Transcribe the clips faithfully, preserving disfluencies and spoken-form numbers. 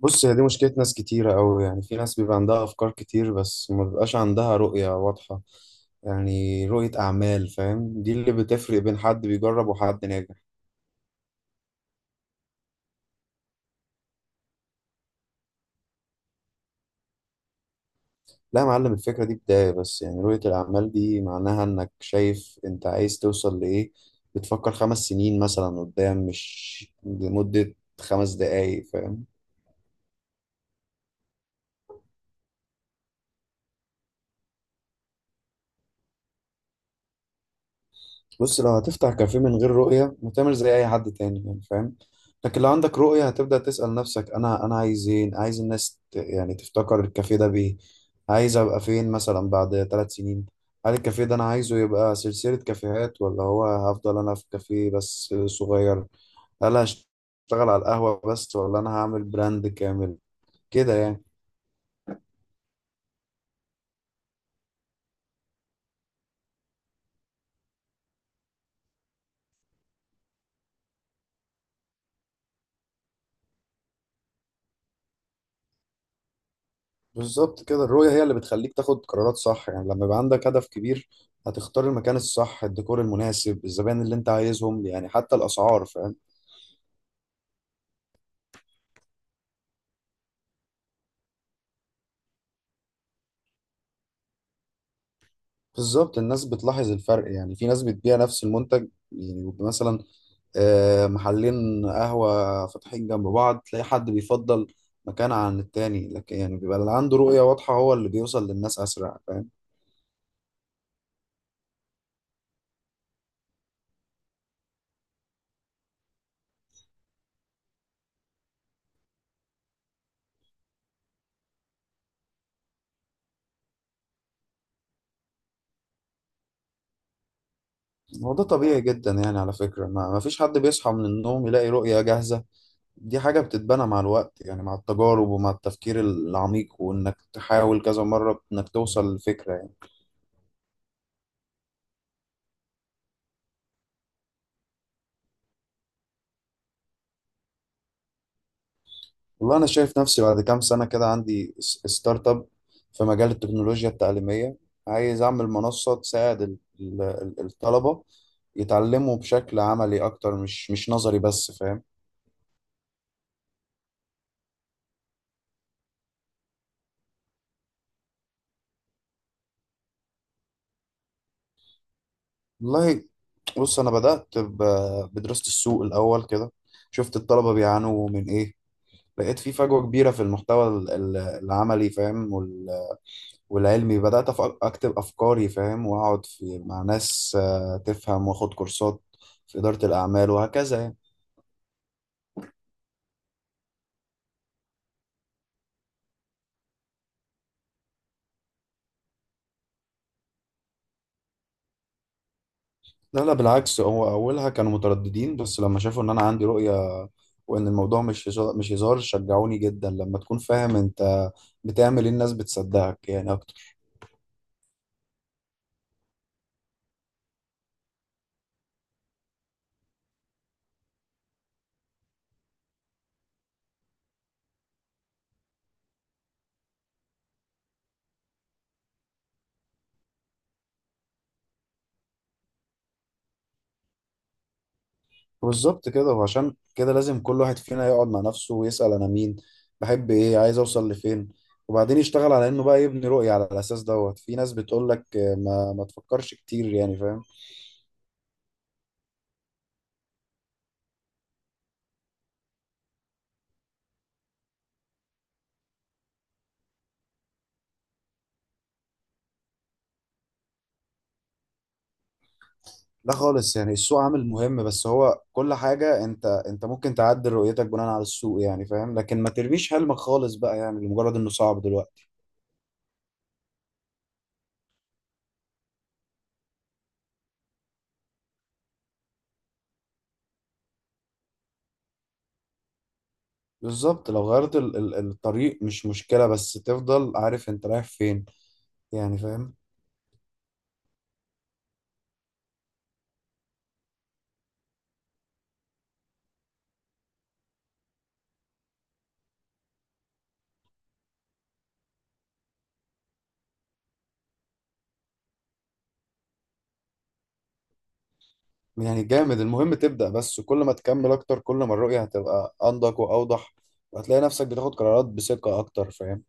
بص، هي دي مشكلة ناس كتيرة أوي. يعني في ناس بيبقى عندها أفكار كتير بس ما بيبقاش عندها رؤية واضحة. يعني رؤية أعمال، فاهم؟ دي اللي بتفرق بين حد بيجرب وحد ناجح. لا يا معلم، الفكرة دي بداية بس. يعني رؤية الأعمال دي معناها إنك شايف أنت عايز توصل لإيه. بتفكر خمس سنين مثلا قدام، مش لمدة خمس دقايق، فاهم؟ بص، لو هتفتح كافيه من غير رؤية هتعمل زي أي حد تاني، يعني فاهم. لكن لو عندك رؤية هتبدأ تسأل نفسك، أنا أنا عايز إيه، عايز الناس ت- يعني تفتكر الكافيه ده بإيه. عايز أبقى فين مثلا بعد ثلاث سنين؟ هل الكافيه ده أنا عايزه يبقى سلسلة كافيهات، ولا هو هفضل أنا في كافيه بس صغير؟ هل هشتغل على القهوة بس، ولا أنا هعمل براند كامل كده، يعني؟ بالظبط كده، الرؤية هي اللي بتخليك تاخد قرارات صح. يعني لما يبقى عندك هدف كبير هتختار المكان الصح، الديكور المناسب، الزبائن اللي انت عايزهم، يعني حتى الأسعار، فاهم؟ بالظبط، الناس بتلاحظ الفرق. يعني في ناس بتبيع نفس المنتج، يعني بيبقى مثلا آه، محلين قهوة فاتحين جنب بعض، تلاقي حد بيفضل مكان عن التاني، لكن يعني بيبقى اللي عنده رؤية واضحة هو اللي بيوصل للناس أسرع، فاهم؟ هو ده طبيعي جدا. يعني على فكرة، ما ما فيش حد بيصحى من النوم يلاقي رؤية جاهزة. دي حاجة بتتبنى مع الوقت، يعني مع التجارب ومع التفكير العميق، وإنك تحاول كذا مرة إنك توصل للفكرة، يعني. والله أنا شايف نفسي بعد كام سنة كده عندي س- ستارت أب في مجال التكنولوجيا التعليمية. عايز أعمل منصة تساعد ال- ال- ال- الطلبة يتعلموا بشكل عملي أكتر، مش مش نظري بس، فاهم. والله، بص أنا بدأت ب- بدراسة السوق الأول كده. شفت الطلبة بيعانوا من إيه، لقيت في فجوة كبيرة في المحتوى ال- ال- العملي، فاهم. والعلمي بدأت أف- أكتب أفكاري، فاهم، وأقعد في مع ناس آه، تفهم، وأخد كورسات في إدارة الأعمال وهكذا، يعني. لا لا، بالعكس، هو أولها كانوا مترددين، بس لما شافوا إن أنا عندي رؤية، وإن الموضوع مش هزار- مش هزار، شجعوني جدا. لما تكون فاهم أنت بتعمل إيه، الناس بتصدقك، يعني. بالظبط كده. وعشان كده لازم كل واحد فينا يقعد مع نفسه ويسأل، أنا مين، بحب إيه، عايز أوصل لفين، وبعدين يشتغل على إنه بقى يبني رؤية على الأساس دوت. في ناس بتقول لك ما ما تفكرش كتير، يعني فاهم. لا خالص، يعني السوق عامل مهم بس هو كل حاجة. أنت أنت ممكن تعدل رؤيتك بناء على السوق، يعني فاهم، لكن ما ترميش حلمك خالص بقى، يعني لمجرد إنه صعب دلوقتي. بالظبط، لو غيرت ال- ال- الطريق مش مشكلة، بس تفضل عارف أنت رايح فين، يعني فاهم. يعني جامد. المهم تبدأ، بس كل ما تكمل أكتر كل ما الرؤية هتبقى أنضج وأوضح، وهتلاقي نفسك بتاخد قرارات بثقة أكتر، فاهم.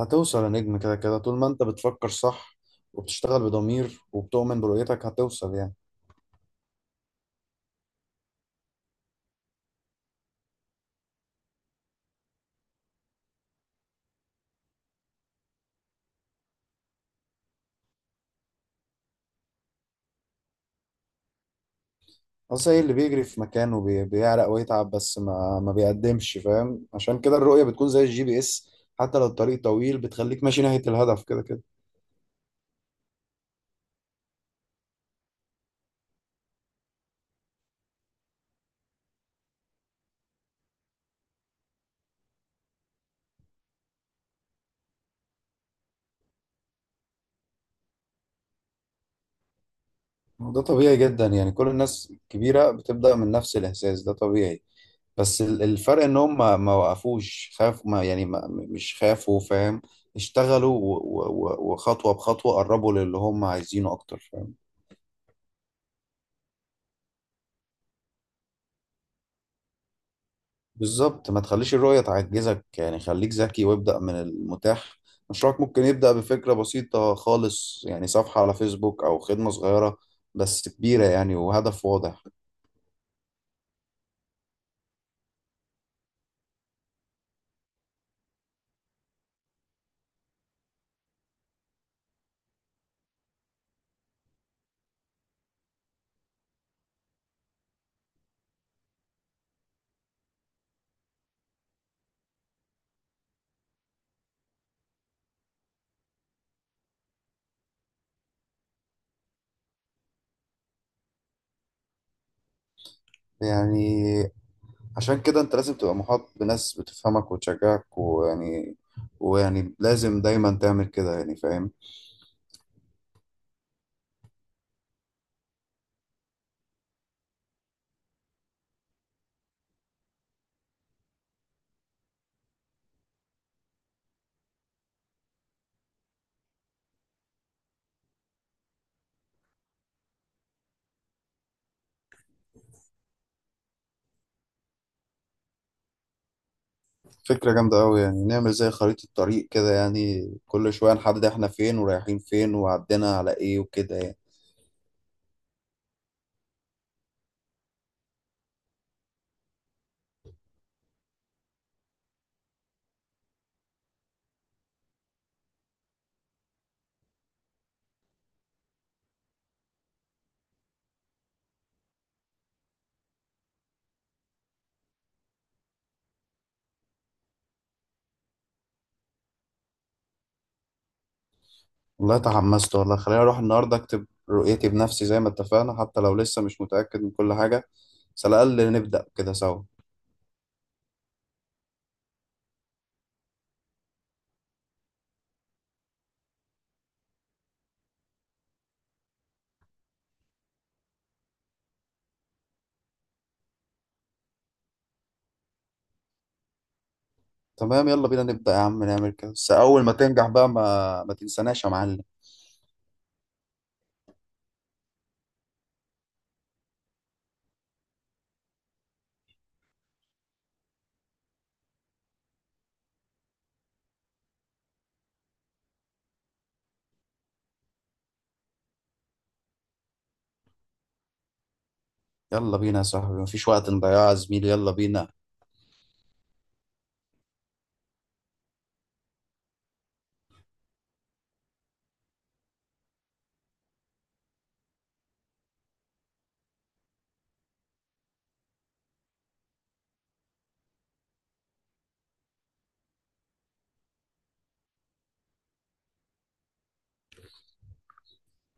هتوصل يا نجم، كده كده طول ما أنت بتفكر صح وبتشتغل بضمير وبتؤمن برؤيتك هتوصل، يعني. أصل إيه اللي بيجري في مكانه، بي- بيعرق ويتعب بس ما ما بيقدمش، فاهم. عشان كده الرؤية بتكون زي الجي بي إس، حتى لو الطريق طويل بتخليك ماشي ناحية الهدف كده كده. وده طبيعي جدا. يعني كل الناس الكبيرة بتبدأ من نفس الإحساس، ده طبيعي. بس ال- الفرق ان هم ما ما وقفوش، خاف، ما يعني، ما مش خافوا، فاهم. اشتغلوا و- و- و- وخطوة بخطوة قربوا للي هم عايزينه اكتر، فاهم. بالظبط، ما تخليش الرؤية تعجزك، يعني خليك ذكي وابدأ من المتاح. مشروعك ممكن يبدأ بفكرة بسيطة خالص، يعني صفحة على فيسبوك او خدمة صغيرة، بس كبيرة يعني وهدف واضح. يعني عشان كده انت لازم تبقى محاط بناس بتفهمك وتشجعك، ويعني، ويعني لازم دايما تعمل كده، يعني فاهم. فكرة جامدة أوي، يعني نعمل زي خريطة طريق كده، يعني كل شوية نحدد إحنا فين ورايحين فين وعدينا على إيه وكده، يعني. والله تحمست، والله خليني أروح النهاردة أكتب رؤيتي بنفسي زي ما اتفقنا، حتى لو لسه مش متأكد من كل حاجة، بس على الأقل نبدأ كده سوا. تمام، يلا بينا نبدأ يا عم، نعمل كده، بس أول ما تنجح بقى ما ما تنساناش يا معلم. يلا بينا يا صاحبي، مفيش وقت نضيعه يا زميلي، يلا بينا.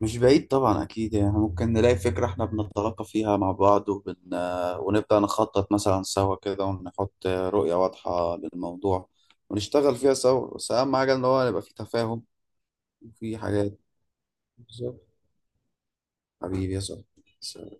مش بعيد طبعا، أكيد يعني ممكن نلاقي فكرة إحنا بنتلاقى فيها مع بعض، وبن... آه، ونبدأ نخطط مثلا سوا كده ونحط رؤية واضحة للموضوع ونشتغل فيها سوا، بس أهم حاجة إن هو نبقى في تفاهم وفي حاجات. بالظبط. حبيبي يا صاحبي.